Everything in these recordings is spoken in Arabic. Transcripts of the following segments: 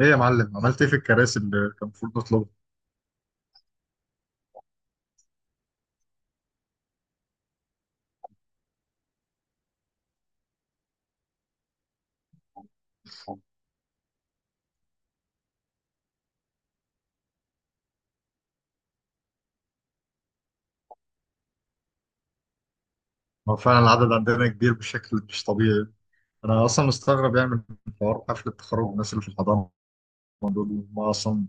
ايه يا معلم؟ عملت ايه في الكراسي اللي كان المفروض نطلبها؟ هو فعلا العدد عندنا كبير بشكل مش طبيعي. انا اصلا مستغرب يعني من حوار حفله التخرج، الناس اللي في الحضانه دول هم اصلا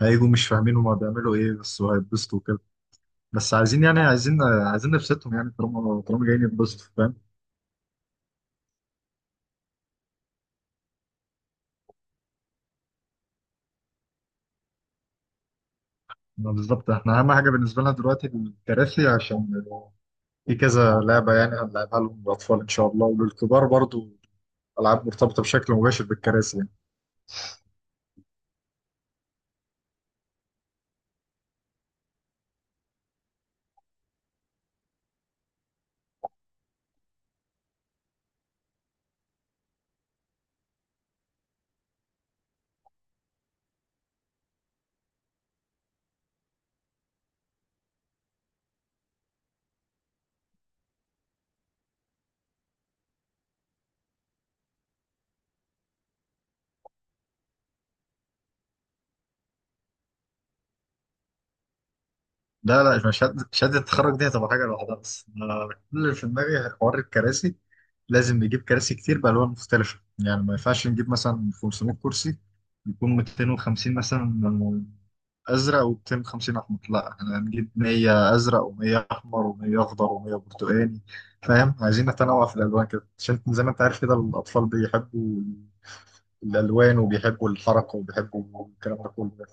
هيجوا مش فاهمين هما بيعملوا ايه، بس هيتبسطوا وكده. بس عايزين يعني عايزين نبسطهم، يعني طالما جايين يتبسطوا، فاهم. ما بالظبط، احنا اهم حاجه بالنسبه لنا دلوقتي الكراسي، عشان في كذا لعبه يعني هنلعبها لهم للاطفال ان شاء الله وللكبار برضو، العاب مرتبطه بشكل مباشر بالكراسي يعني. لا لا، مش شهادة، شهادة التخرج دي هتبقى حاجة لوحدها، بس أنا كل اللي في دماغي حوار الكراسي. لازم نجيب كراسي كتير بألوان مختلفة، يعني ما ينفعش نجيب مثلا 500 كرسي، يكون 250 مثلا أزرق و250 أحمر؟ لا احنا هنجيب 100 أزرق و100 أحمر و100 أخضر و100 برتقاني، فاهم؟ عايزين نتنوع في الألوان كده عشان زي ما أنت عارف كده، الأطفال بيحبوا الألوان وبيحبوا الحركة وبيحبوا الكلام ده كله.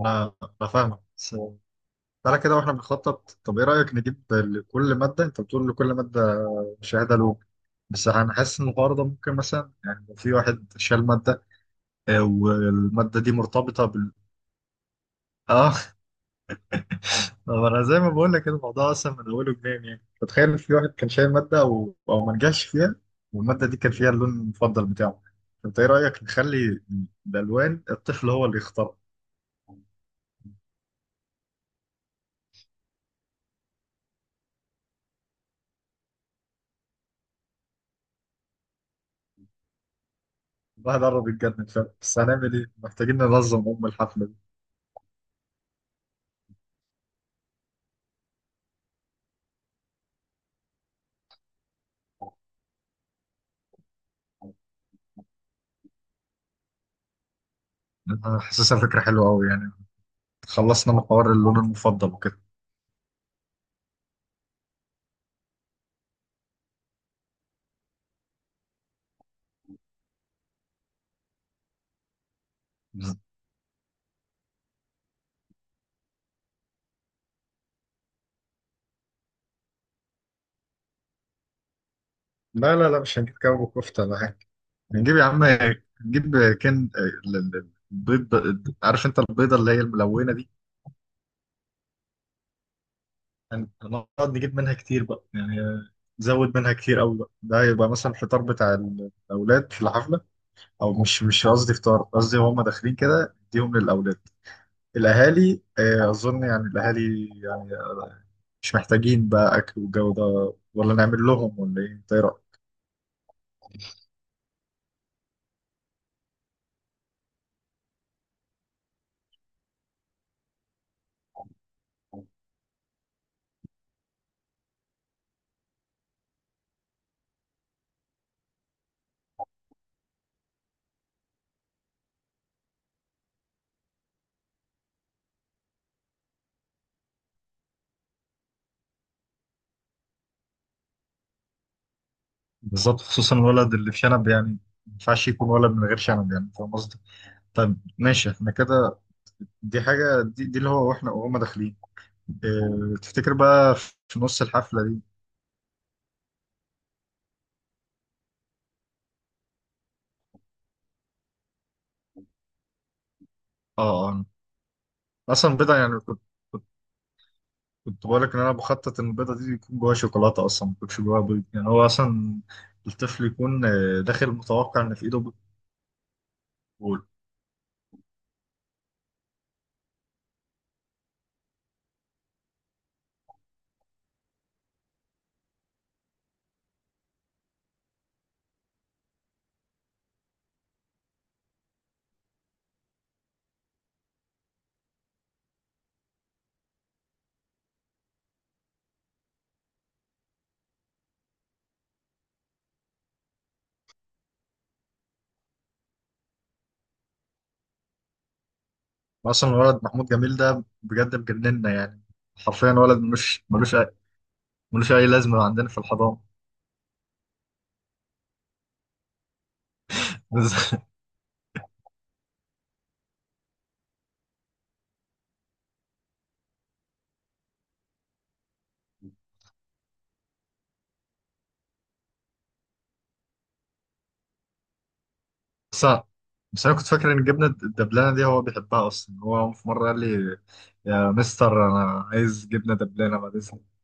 أنا أنا فاهمك. So تعالى كده واحنا بنخطط، طب ايه رأيك نجيب لكل مادة؟ انت بتقول لكل مادة شهادة له؟ بس انا حاسس ان الحوار ده ممكن مثلا، يعني لو في واحد شال مادة، والمادة دي مرتبطة بال... اه. طب انا زي ما بقول لك كده، الموضوع اصلا من اوله جنان، يعني فتخيل في واحد كان شايل مادة او ما نجحش فيها، والمادة دي كان فيها اللون المفضل بتاعه. انت ايه رأيك نخلي الالوان الطفل هو اللي يختارها؟ الواحد قرب يتجنن فعلا، بس هنعمل ايه، محتاجين ننظم الحفلة دي. انا حاسسها فكرة حلوة قوي يعني، خلصنا من حوار اللون المفضل وكده. لا لا لا، مش هنجيب كباب وكفته ولا حاجه. هنجيب يا عم، هنجيب. كان البيض، عارف انت البيضه اللي هي الملونه دي؟ هنقعد نجيب منها كتير بقى يعني، نزود منها كتير قوي بقى. ده هيبقى مثلا الفطار بتاع الاولاد في الحفله، او مش قصدي فطار، قصدي هم داخلين كده اديهم للاولاد. الاهالي اظن يعني الاهالي يعني مش محتاجين بقى اكل والجو ده، ولا نعمل لهم ولا ايه، إنت إيه رأيك؟ بالظبط، خصوصا الولد اللي في شنب يعني، ما ينفعش يكون ولد من غير شنب، يعني فاهم قصدي؟ طيب ماشي احنا كده. دي حاجة دي, اللي هو واحنا وهم داخلين. اه، تفتكر بقى؟ في نص الحفلة دي اه، اه، آه. اصلا البيضة يعني، كنت كنت بقول لك ان انا بخطط ان البيضة دي يكون جواها شوكولاتة، اصلا ما يكونش جواها بيض، يعني هو اصلا الطفل يكون داخل متوقع ان في ايده بيض. بول. اصلا الولد محمود جميل ده بجد مجننا يعني، حرفيا ولد ملوش اي لازمة عندنا في الحضانة. بس بس انا كنت فاكر ان الجبنه الدبلانه دي هو بيحبها اصلا. هو في مره قال لي: يا مستر انا عايز جبنه دبلانه بعد اذنك.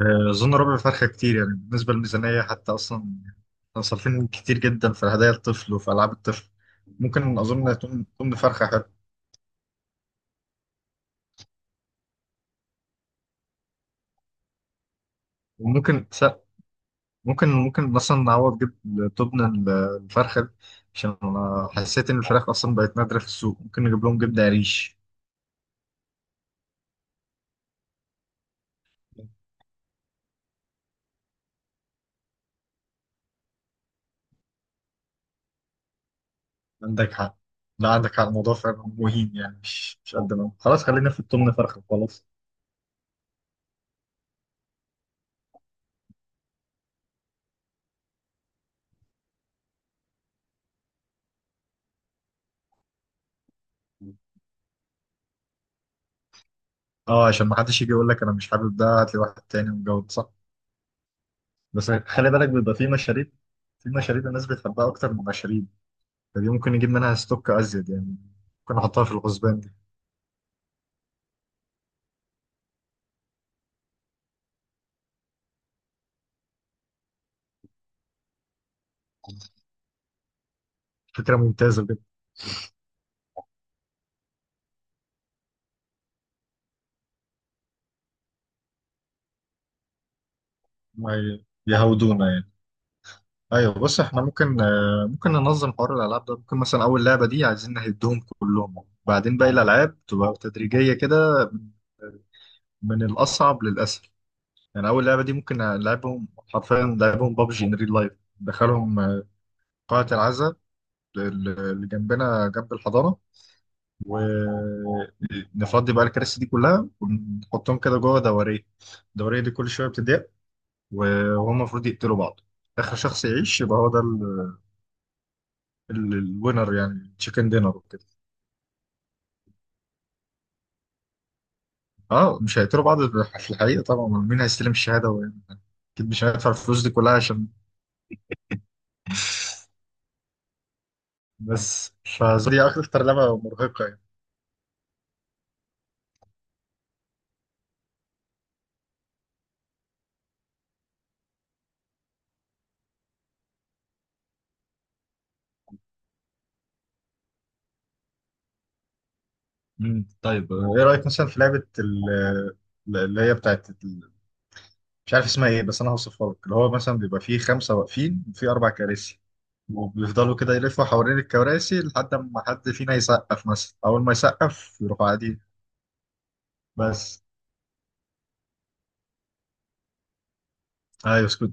اظن ربع فرخه كتير يعني بالنسبه للميزانيه، حتى اصلا احنا صارفين كتير جدا في هدايا الطفل وفي العاب الطفل، ممكن اظن انها تكون فرخه حلوه. وممكن س- ممكن ممكن مثلا نعوض جبن تبن الفرخه دي، عشان انا حسيت ان الفراخ اصلا بقت نادره في السوق، ممكن نجيب لهم جبنه قريش. عندك حق. لا عندك حق، الموضوع فعلا مهين، يعني مش قد ما، خلاص خلينا في التمن فرخ، خلاص. اه، عشان ما حدش يجي يقول لك انا مش حابب ده، هات لي واحد تاني ومجود، صح. بس خلي بالك بيبقى في مشاريب، في مشاريب الناس بتحبها اكتر من مشاريب، فدي ممكن نجيب منها ستوك ازيد يعني، ممكن نحطها في الغزبان دي. فكره ممتازه جدا. ما يهودونا يعني. ايوه بص، احنا ممكن ممكن ننظم حوار الالعاب ده، ممكن مثلا اول لعبه دي عايزين نهدهم كلهم، بعدين باقي الالعاب تبقى تدريجيه كده، من آه، من الاصعب للاسهل. يعني اول لعبه دي ممكن لعبهم، حرفيا لعبهم بابجي ان ريل لايف، دخلهم قاعه العزاء اللي جنبنا جنب الحضانه، ونفضي بقى الكراسي دي كلها ونحطهم كده جوه دوريه. الدوريه دي كل شويه بتضيق، وهم المفروض يقتلوا بعض. اخر شخص يعيش يبقى هو ده الوينر، يعني تشيكن دينر وكده. اه، مش هيقتلوا بعض في الحقيقه طبعا، مين هيستلم الشهاده اكيد مش هيدفع الفلوس دي كلها عشان... بس فدي اكتر لعبه مرهقه. مم. طيب، ايه رايك مثلا في لعبه اللي هي بتاعت مش عارف اسمها ايه، بس انا هوصفها لك. اللي هو مثلا بيبقى فيه خمسه واقفين وفيه اربع كراسي، وبيفضلوا كده يلفوا حوالين الكراسي لحد ما حد فينا يسقف، مثلا اول ما يسقف يروحوا قاعدين. بس ايوه اسكت،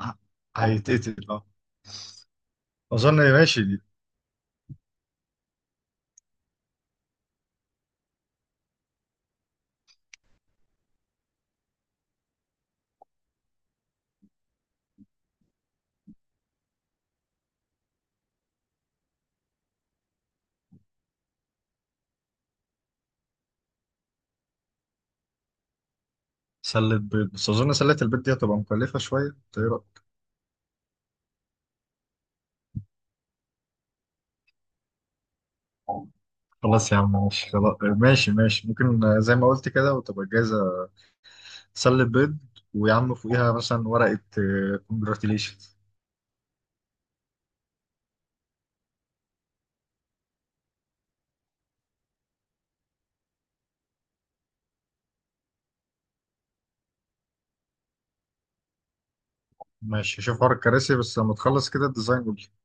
ه- هيتقتل اه. اظن ماشي دي. سلة بيض، بس اظن سلة البيض دي هتبقى مكلفه شويه، إنت إيه رأيك؟ خلاص يا عم ماشي، خلاص، ماشي ممكن، زي ما قلت كده وتبقى جاهزه، تسلي البيض، ويا عم فوقيها مثلا ورقة كونجراتيليشنز. ماشي، شوف حوار الكراسي، بس لما تخلص كده الديزاين قول لي.